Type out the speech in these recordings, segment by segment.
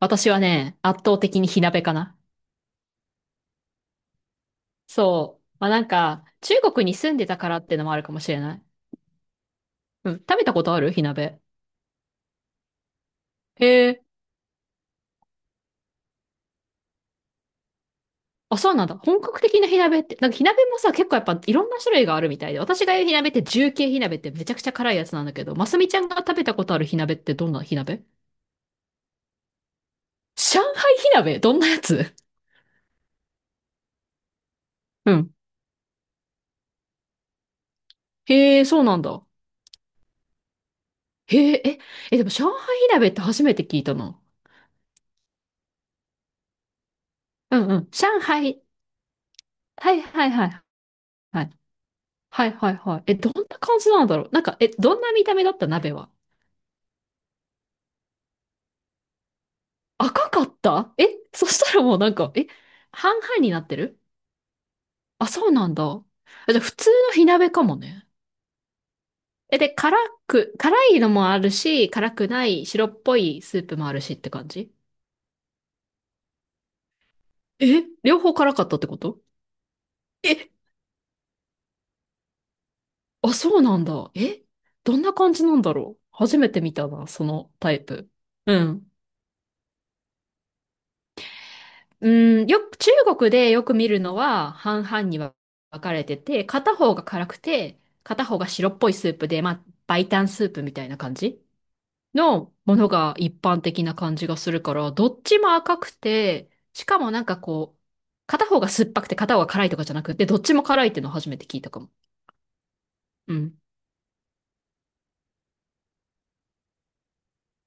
私はね、圧倒的に火鍋かな。そう。まあ、なんか、中国に住んでたからってのもあるかもしれない。うん。食べたことある火鍋？へえ。あ、そうなんだ。本格的な火鍋って、なんか火鍋もさ、結構やっぱいろんな種類があるみたいで、私が言う火鍋って重慶火鍋ってめちゃくちゃ辛いやつなんだけど、ますみちゃんが食べたことある火鍋ってどんな火鍋？上海火鍋どんなやつ？うん。へえ、そうなんだ。へえ、え、え、でも上海火鍋って初めて聞いたな。うんうん。上海、はいはいはいはい。はいはいはい。え、どんな感じなんだろう？なんか、え、どんな見た目だった鍋は？赤かった？え、そしたらもうなんか、え、半々になってる？あ、そうなんだ。あ、じゃあ普通の火鍋かもね。え、で、辛いのもあるし、辛くない白っぽいスープもあるしって感じ？え、両方辛かったってこと？え、あ、そうなんだ。え、どんな感じなんだろう？初めて見たな、そのタイプ。うん。うん、よく、中国でよく見るのは半々に分かれてて、片方が辛くて、片方が白っぽいスープで、まあ、白湯スープみたいな感じのものが一般的な感じがするから、どっちも赤くて、しかもなんかこう、片方が酸っぱくて片方が辛いとかじゃなくて、どっちも辛いっていうのを初めて聞いたかも。うん。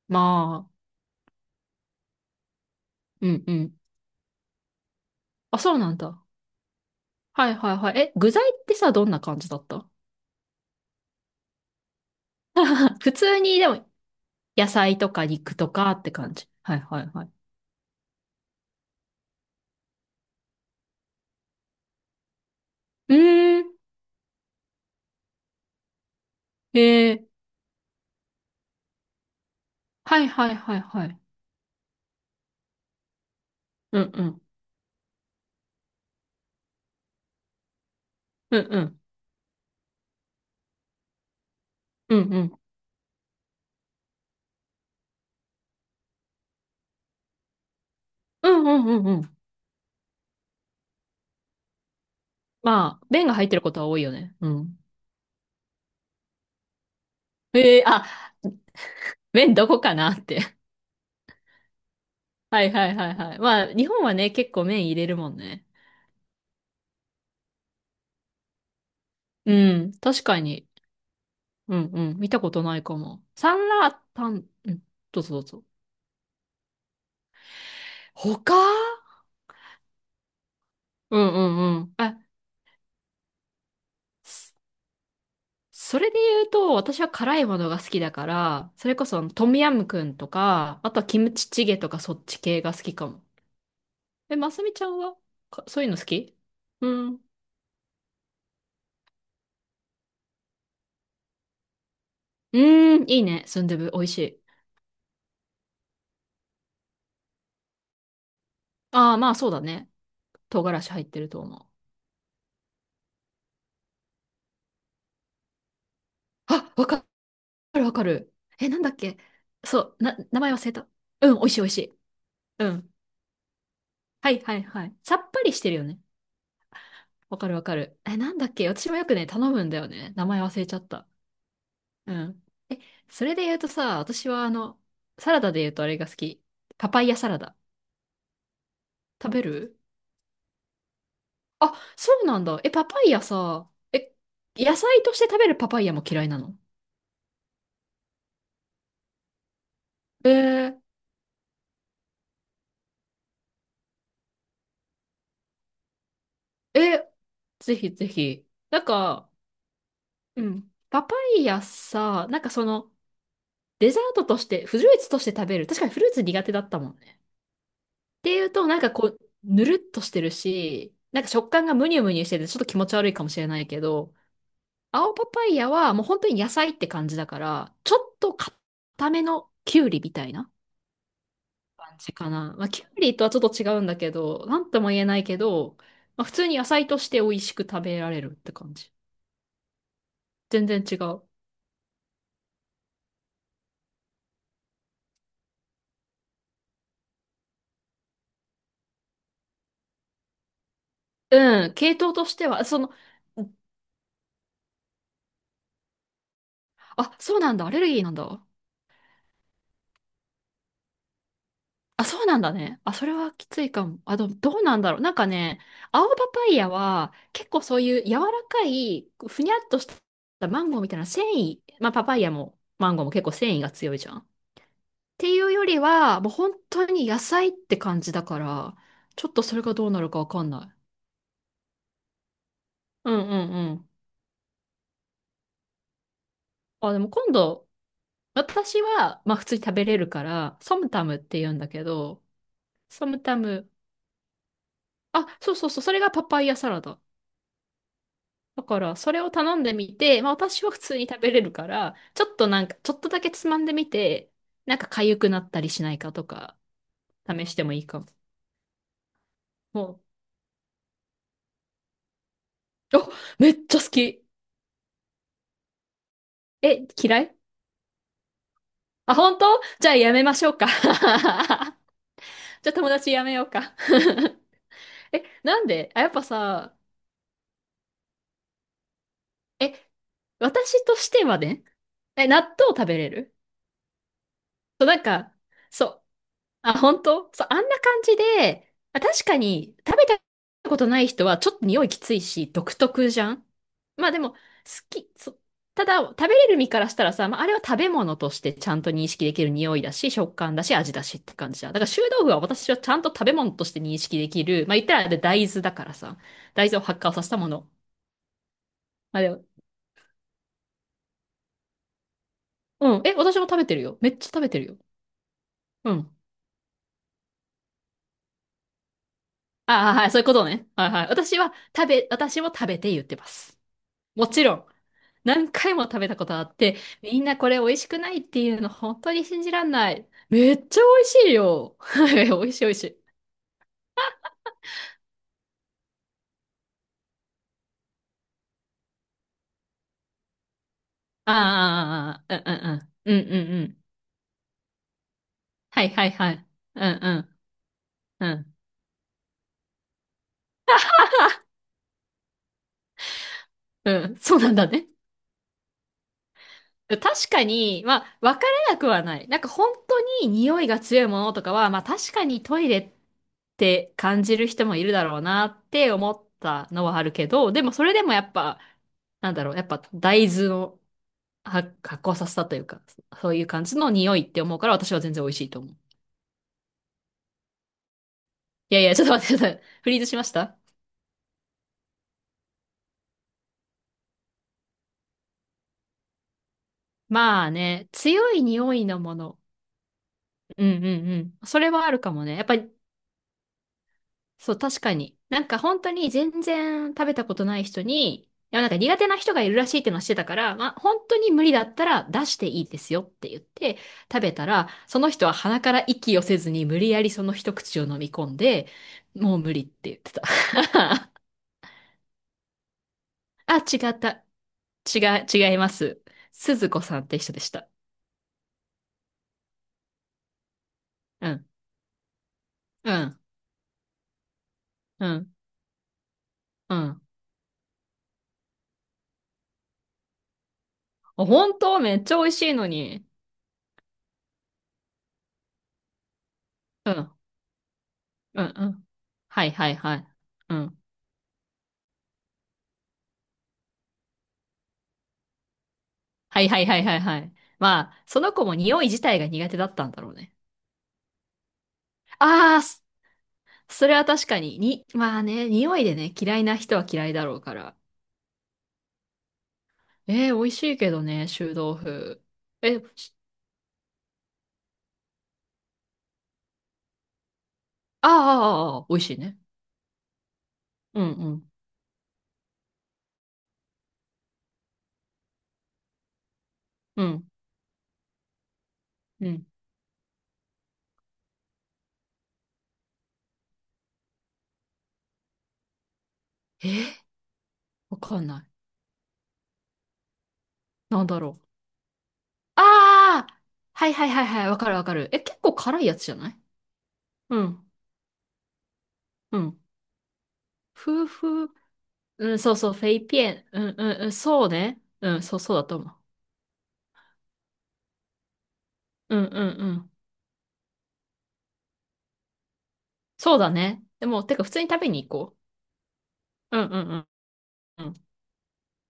まあ、うんうん。あ、そうなんだ。はいはいはい。え、具材ってさ、どんな感じだった？ 普通にでも野菜とか肉とかって感じ。はいはいはい。ええええ、はいはいはいはい。うんうん。うんうん。うんうん。うんうんうんうん。まあ、麺が入ってることは多いよね。うん。ええ、あ、麺どこかなって。はいはいはいはい。まあ、日本はね、結構麺入れるもんね。うん、確かに。うんうん。見たことないかも。サンラータン、うん、どうぞどうぞ。他、うんうんうん。あ、それで言うと、私は辛いものが好きだから、それこそあのトムヤムクンとか、あとはキムチチゲとかそっち系が好きかも。え、ますみちゃんはかそういうの好き？うん。うーん、いいね。スンドゥブ、美味しい。ああ、まあそうだね。唐辛子入ってると思う。あ、わかるわかる。え、なんだっけ？そう、名前忘れた。うん、美味しい美味しい。うん。はいはいはい。さっぱりしてるよね。わかるわかる。え、なんだっけ？私もよくね、頼むんだよね。名前忘れちゃった。うん。え、それで言うとさ、私はあの、サラダで言うとあれが好き。パパイヤサラダ。食べる？あ、そうなんだ。え、パパイヤさ、え、野菜として食べるパパイヤも嫌いなの？えー、え、ぜひぜひ。なんか、うん。パパイヤさ、なんかその、デザートとして、フルーツとして食べる。確かにフルーツ苦手だったもんね。っていうと、なんかこう、ぬるっとしてるし、なんか食感がムニュムニュしてて、ちょっと気持ち悪いかもしれないけど、青パパイヤはもう本当に野菜って感じだから、ちょっと固めのキュウリみたいな感じかな。まあ、キュウリとはちょっと違うんだけど、なんとも言えないけど、まあ、普通に野菜として美味しく食べられるって感じ。全然違う。うん、系統としては、その、あ、そうなんだ、アレルギーなんだ。あ、そうなんだね。あ、それはきついかも。あ、どうなんだろう。なんかね、青パパイヤは結構そういう柔らかい、ふにゃっとしたマンゴーみたいな繊維、まあパパイヤもマンゴーも結構繊維が強いじゃん。っていうよりは、もう本当に野菜って感じだから、ちょっとそれがどうなるかわかんない。うんうんうん。あ、でも今度、私は、まあ普通に食べれるから、ソムタムって言うんだけど、ソムタム、あ、そうそうそう、それがパパイヤサラダ。だから、それを頼んでみて、まあ私は普通に食べれるから、ちょっとなんか、ちょっとだけつまんでみて、なんか痒くなったりしないかとか、試してもいいかも。もう、めっちゃ好き。え、嫌い？あ、本当？じゃあやめましょうか。じゃあ友達やめようか。え、なんで？あ、やっぱさ、え、私としてはね、え、納豆食べれる？そう、なんか、そう。あ、本当そう、あんな感じで、あ、確かに食べたことない人はちょっと匂いきついし、独特じゃん。まあでも、好き、そう、ただ食べれる身からしたらさ、まああれは食べ物としてちゃんと認識できる匂いだし、食感だし、味だしって感じじゃん。だから臭豆腐は私はちゃんと食べ物として認識できる。まあ言ったらあれ大豆だからさ、大豆を発酵させたもの。まあでも、うん、え、私も食べてるよ。めっちゃ食べてるよ。うん。ああ、はい、そういうことね。はいはい。私は食べ、私も食べて言ってます。もちろん、何回も食べたことあって、みんなこれ美味しくないっていうの本当に信じらんない。めっちゃ美味しいよ。はい、美味しい美味しい。ああ、うんうんうん。うんうんうん。はいはいはい。うんうん。うん。うん。そうなんだね。確かに、まあ、わからなくはない。なんか本当に匂いが強いものとかは、まあ確かにトイレって感じる人もいるだろうなって思ったのはあるけど、でもそれでもやっぱ、なんだろう、やっぱ大豆の発酵させたというか、そういう感じの匂いって思うから私は全然美味しいと思う。いやいや、ちょっと待って、ちょっとフリーズしました。まあね、強い匂いのもの。うんうんうん。それはあるかもね。やっぱり、そう、確かに。なんか本当に全然食べたことない人に、いや、なんか苦手な人がいるらしいっていうのはしてたから、まあ本当に無理だったら出していいですよって言って食べたら、その人は鼻から息をせずに無理やりその一口を飲み込んで、もう無理って言ってた。あ、違った。違う、違います。鈴子さんって人でした。うん。うん。うん。うん。あ、本当めっちゃ美味しいのに。うん。うん。うん。はいはいはい。うん。はいはいはいはいはい。まあ、その子も匂い自体が苦手だったんだろうね。ああ、それは確かに。に、まあね、匂いでね、嫌いな人は嫌いだろうから。えー、美味しいけどね、臭豆腐。え、し、あーあー、あーあー、ああ美味しいね。うんうん。うん。うん。えー、わかんない。なんだろう。ああ、はいはいはいはい、わかるわかる。え、結構辛いやつじゃない？うん、うん。夫婦、うん、そうそう、フェイピエン。うんうんうん、そうね。うん、そうそうだと思う。うんうんうん。そうだね。でも、てか普通に食べに行こう。うんうんうんうん。